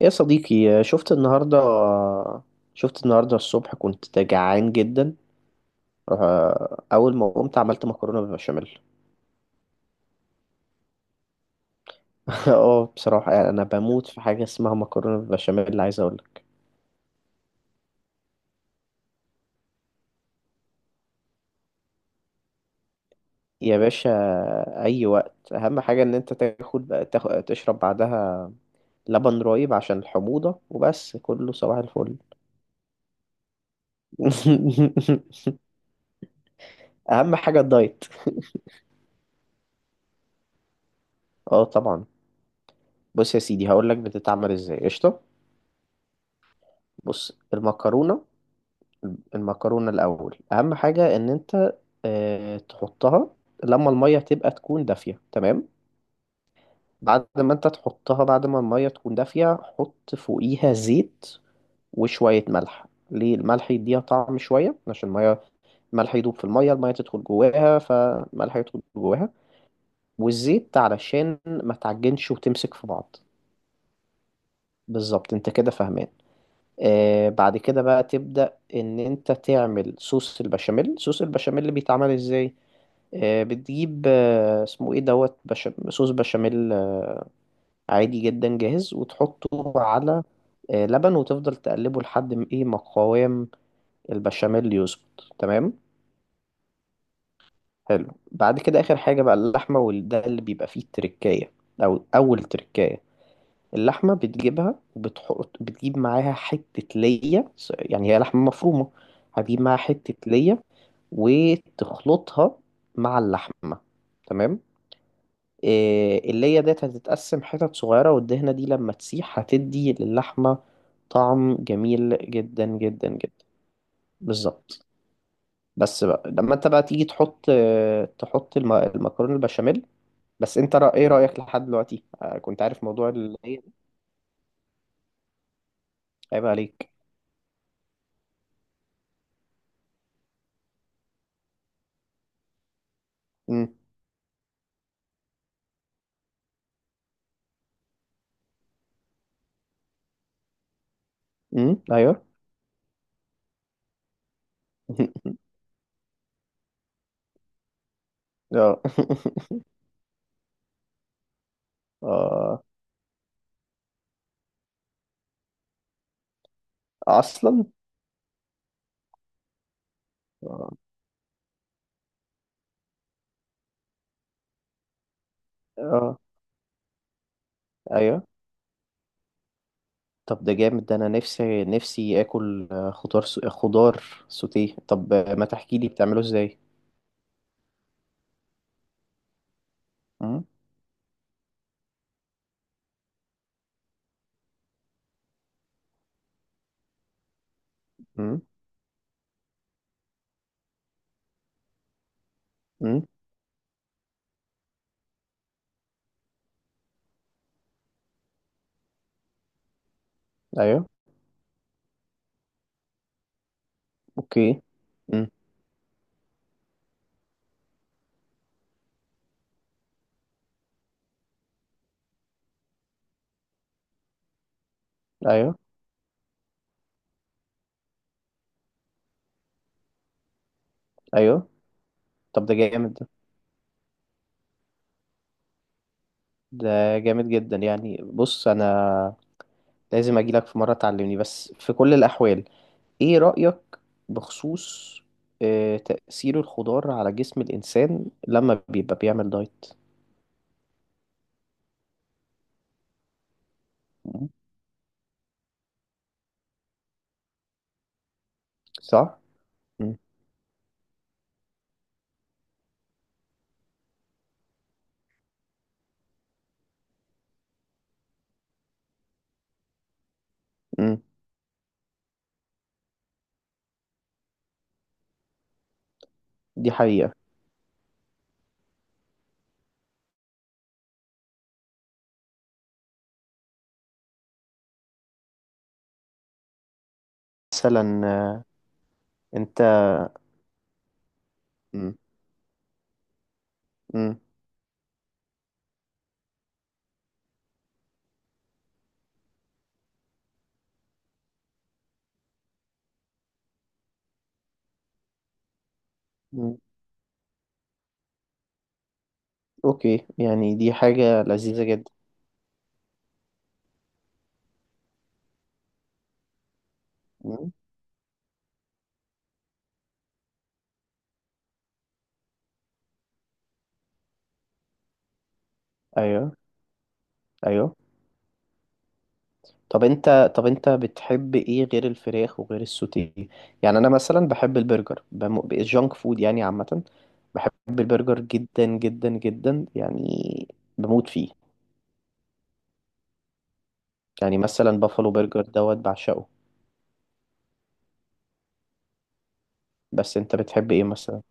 يا صديقي، شفت النهاردة الصبح كنت جعان جدا. أول ما قمت عملت مكرونة بالبشاميل. اه بصراحة يعني أنا بموت في حاجة اسمها مكرونة بالبشاميل، عايز أقولك. يا باشا، أي وقت. أهم حاجة إن أنت تاخد تشرب بعدها لبن رايب عشان الحموضة، وبس، كله صباح الفل. أهم حاجة الدايت. اه، طبعا. بص يا سيدي، هقولك بتتعمل ازاي. قشطة. بص، المكرونة الأول، أهم حاجة إن أنت تحطها لما المية تبقى تكون دافية. تمام. بعد ما أنت تحطها، بعد ما المية تكون دافية، حط فوقيها زيت وشوية ملح. ليه الملح يديها طعم شوية؟ عشان المية، الملح يدوب في المية، المية تدخل جواها فالملح يدخل جواها. والزيت علشان ما تعجنش وتمسك في بعض. بالظبط، أنت كده فاهمان. بعد كده بقى تبدأ ان انت تعمل صوص البشاميل. صوص البشاميل اللي بيتعمل ازاي؟ بتجيب، اسمه ايه، دوت، صوص بشاميل، عادي جدا، جاهز، وتحطه على لبن، وتفضل تقلبه لحد ما ايه ما قوام البشاميل يظبط. تمام. حلو. بعد كده اخر حاجة بقى اللحمة، وده اللي بيبقى فيه التركاية، او اول تركاية. اللحمة بتجيبها بتجيب معاها حتة ليا، يعني هي لحمة مفرومة. هتجيب معاها حتة ليا، وتخلطها مع اللحمة. تمام. إيه، الليا ديت هتتقسم حتت صغيرة، والدهنة دي لما تسيح هتدي للحمة طعم جميل جدا جدا جدا. بالظبط. بس بقى لما انت بقى تيجي تحط المكرونة البشاميل. بس انت ايه رأيك لحد دلوقتي؟ كنت عارف موضوع اللي هيبقى عليك. امم. امم. ايوه. اه. اه، اصلا. اه، اه، ايوه. طب ده جامد. ده انا نفسي نفسي اكل خضار سوتيه. طب ما تحكي لي بتعمله ازاي. امم. امم. امم. ايوه. اوكي. امم. ايوه. ايوه. طب ده جامد. ده جامد جدا يعني. بص انا لازم اجي لك في مره تعلمني. بس في كل الاحوال، ايه رأيك بخصوص تأثير الخضار على جسم الإنسان لما بيبقى بيعمل دايت؟ مم. صح؟ مم. مم. دي حقيقة. مثلا انت. مم. مم. مم. اوكي، يعني دي حاجة لذيذة جدا. مم. ايوه، ايوه. طب انت بتحب ايه غير الفراخ وغير السوتيه؟ يعني انا مثلا بحب البرجر، الجانك فود يعني عامة. بحب البرجر جدا جدا جدا يعني، بموت فيه. يعني مثلا بافالو برجر دوت، بعشقه. بس انت بتحب ايه مثلا؟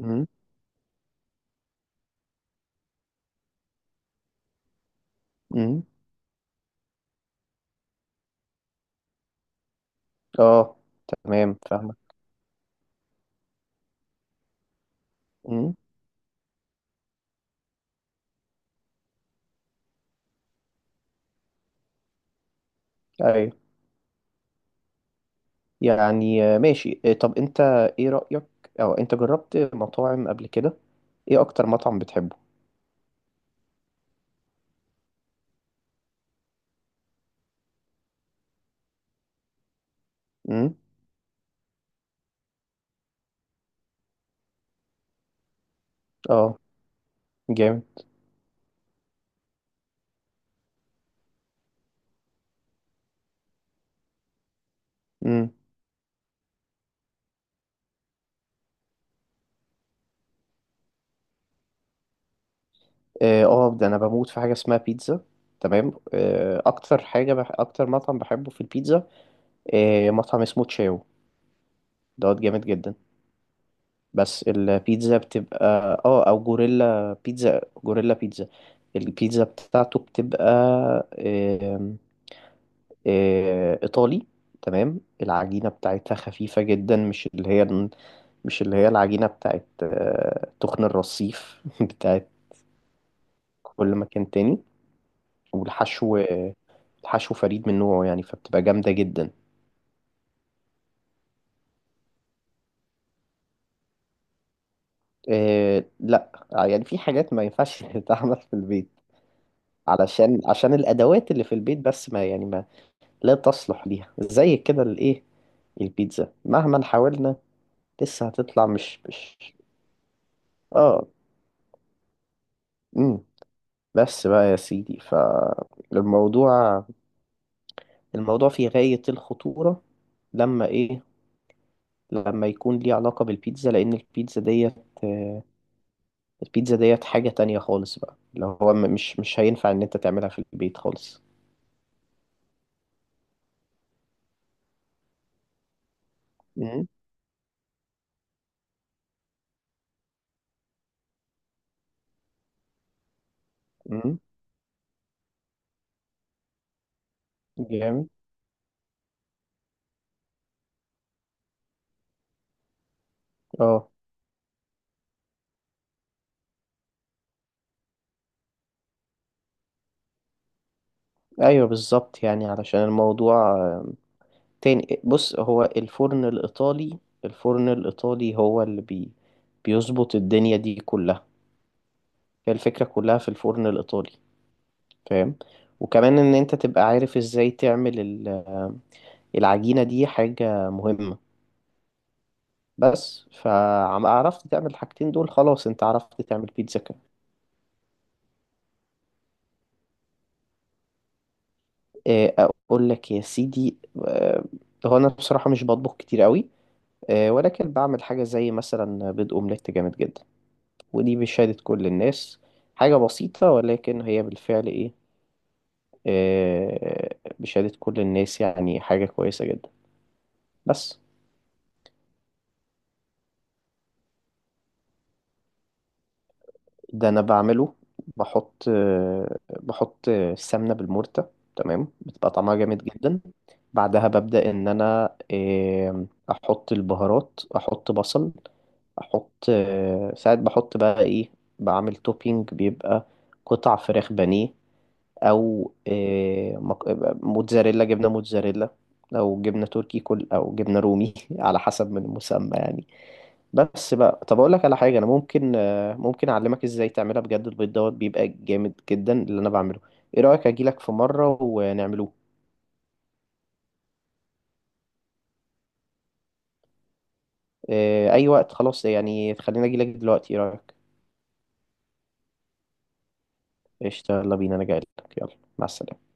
امم. امم. اه، تمام، فاهمك. امم. ايوه. يعني ماشي. طب انت، ايه رأيك؟ او انت جربت مطاعم قبل كده؟ ايه اكتر مطعم بتحبه؟ امم. اه، جامد. امم. اه، ده انا بموت في حاجة اسمها بيتزا. تمام. اكتر مطعم بحبه في البيتزا. مطعم اسمه تشاو دوت، جامد جدا. بس البيتزا بتبقى... اه، او جوريلا بيتزا، جوريلا بيتزا. البيتزا بتاعته بتبقى آم، آه، ايطالي. تمام. العجينة بتاعتها خفيفة جدا، مش اللي هي العجينة بتاعت تخن الرصيف بتاعت كل مكان تاني. والحشو آه، الحشو فريد من نوعه يعني، فبتبقى جامدة جدا. لا، يعني في حاجات ما ينفعش تتعمل في البيت، عشان الادوات اللي في البيت، بس ما يعني لا تصلح ليها زي كده الايه. البيتزا مهما حاولنا لسه هتطلع مش اه. امم. بس بقى يا سيدي، الموضوع في غاية الخطورة. لما ايه لما يكون ليه علاقة بالبيتزا، لأن آه، البيتزا ديت حاجة تانية خالص بقى، اللي هو مش هينفع إن أنت تعملها في البيت خالص. امم. امم. جامد. اه. ايوه. بالظبط يعني، علشان الموضوع تاني. بص، هو الفرن الإيطالي. الفرن الإيطالي هو اللي بيظبط الدنيا دي كلها. هي الفكرة كلها في الفرن الإيطالي، فاهم. وكمان إن أنت تبقى عارف إزاي تعمل العجينة، دي حاجة مهمة. بس فعرفت تعمل الحاجتين دول، خلاص أنت عرفت تعمل بيتزا كمان. إيه، أقول لك يا سيدي، آه، هو أنا بصراحة مش بطبخ كتير قوي. ولكن بعمل حاجة زي مثلا بيض أومليت جامد جدا. ودي بشهادة كل الناس. حاجة بسيطة ولكن هي بالفعل إيه آه، بشهادة كل الناس يعني، حاجة كويسة جدا بس. ده أنا بعمله، بحط آه، بحط السمنة بالمرتة. تمام، بتبقى طعمها جامد جدا. بعدها ببدأ إن أنا أحط البهارات، أحط بصل. أحط آه، ساعات بحط بقى إيه، بعمل توبينج، بيبقى قطع فراخ بانيه، او جبنه موتزاريلا، او جبنه تركي كل، او جبنه رومي على حسب من المسمى يعني. بس بقى، طب اقول لك على حاجه. انا ممكن اعلمك ازاي تعملها بجد. البيض دوت بيبقى جامد جدا، اللي انا بعمله. ايه رايك اجيلك في مره ونعملوه؟ اي وقت خلاص يعني. خلينا اجيلك دلوقتي، ايه رايك؟ قشطه، يلا بينا، انا جايلك. يلا، مع السلامه.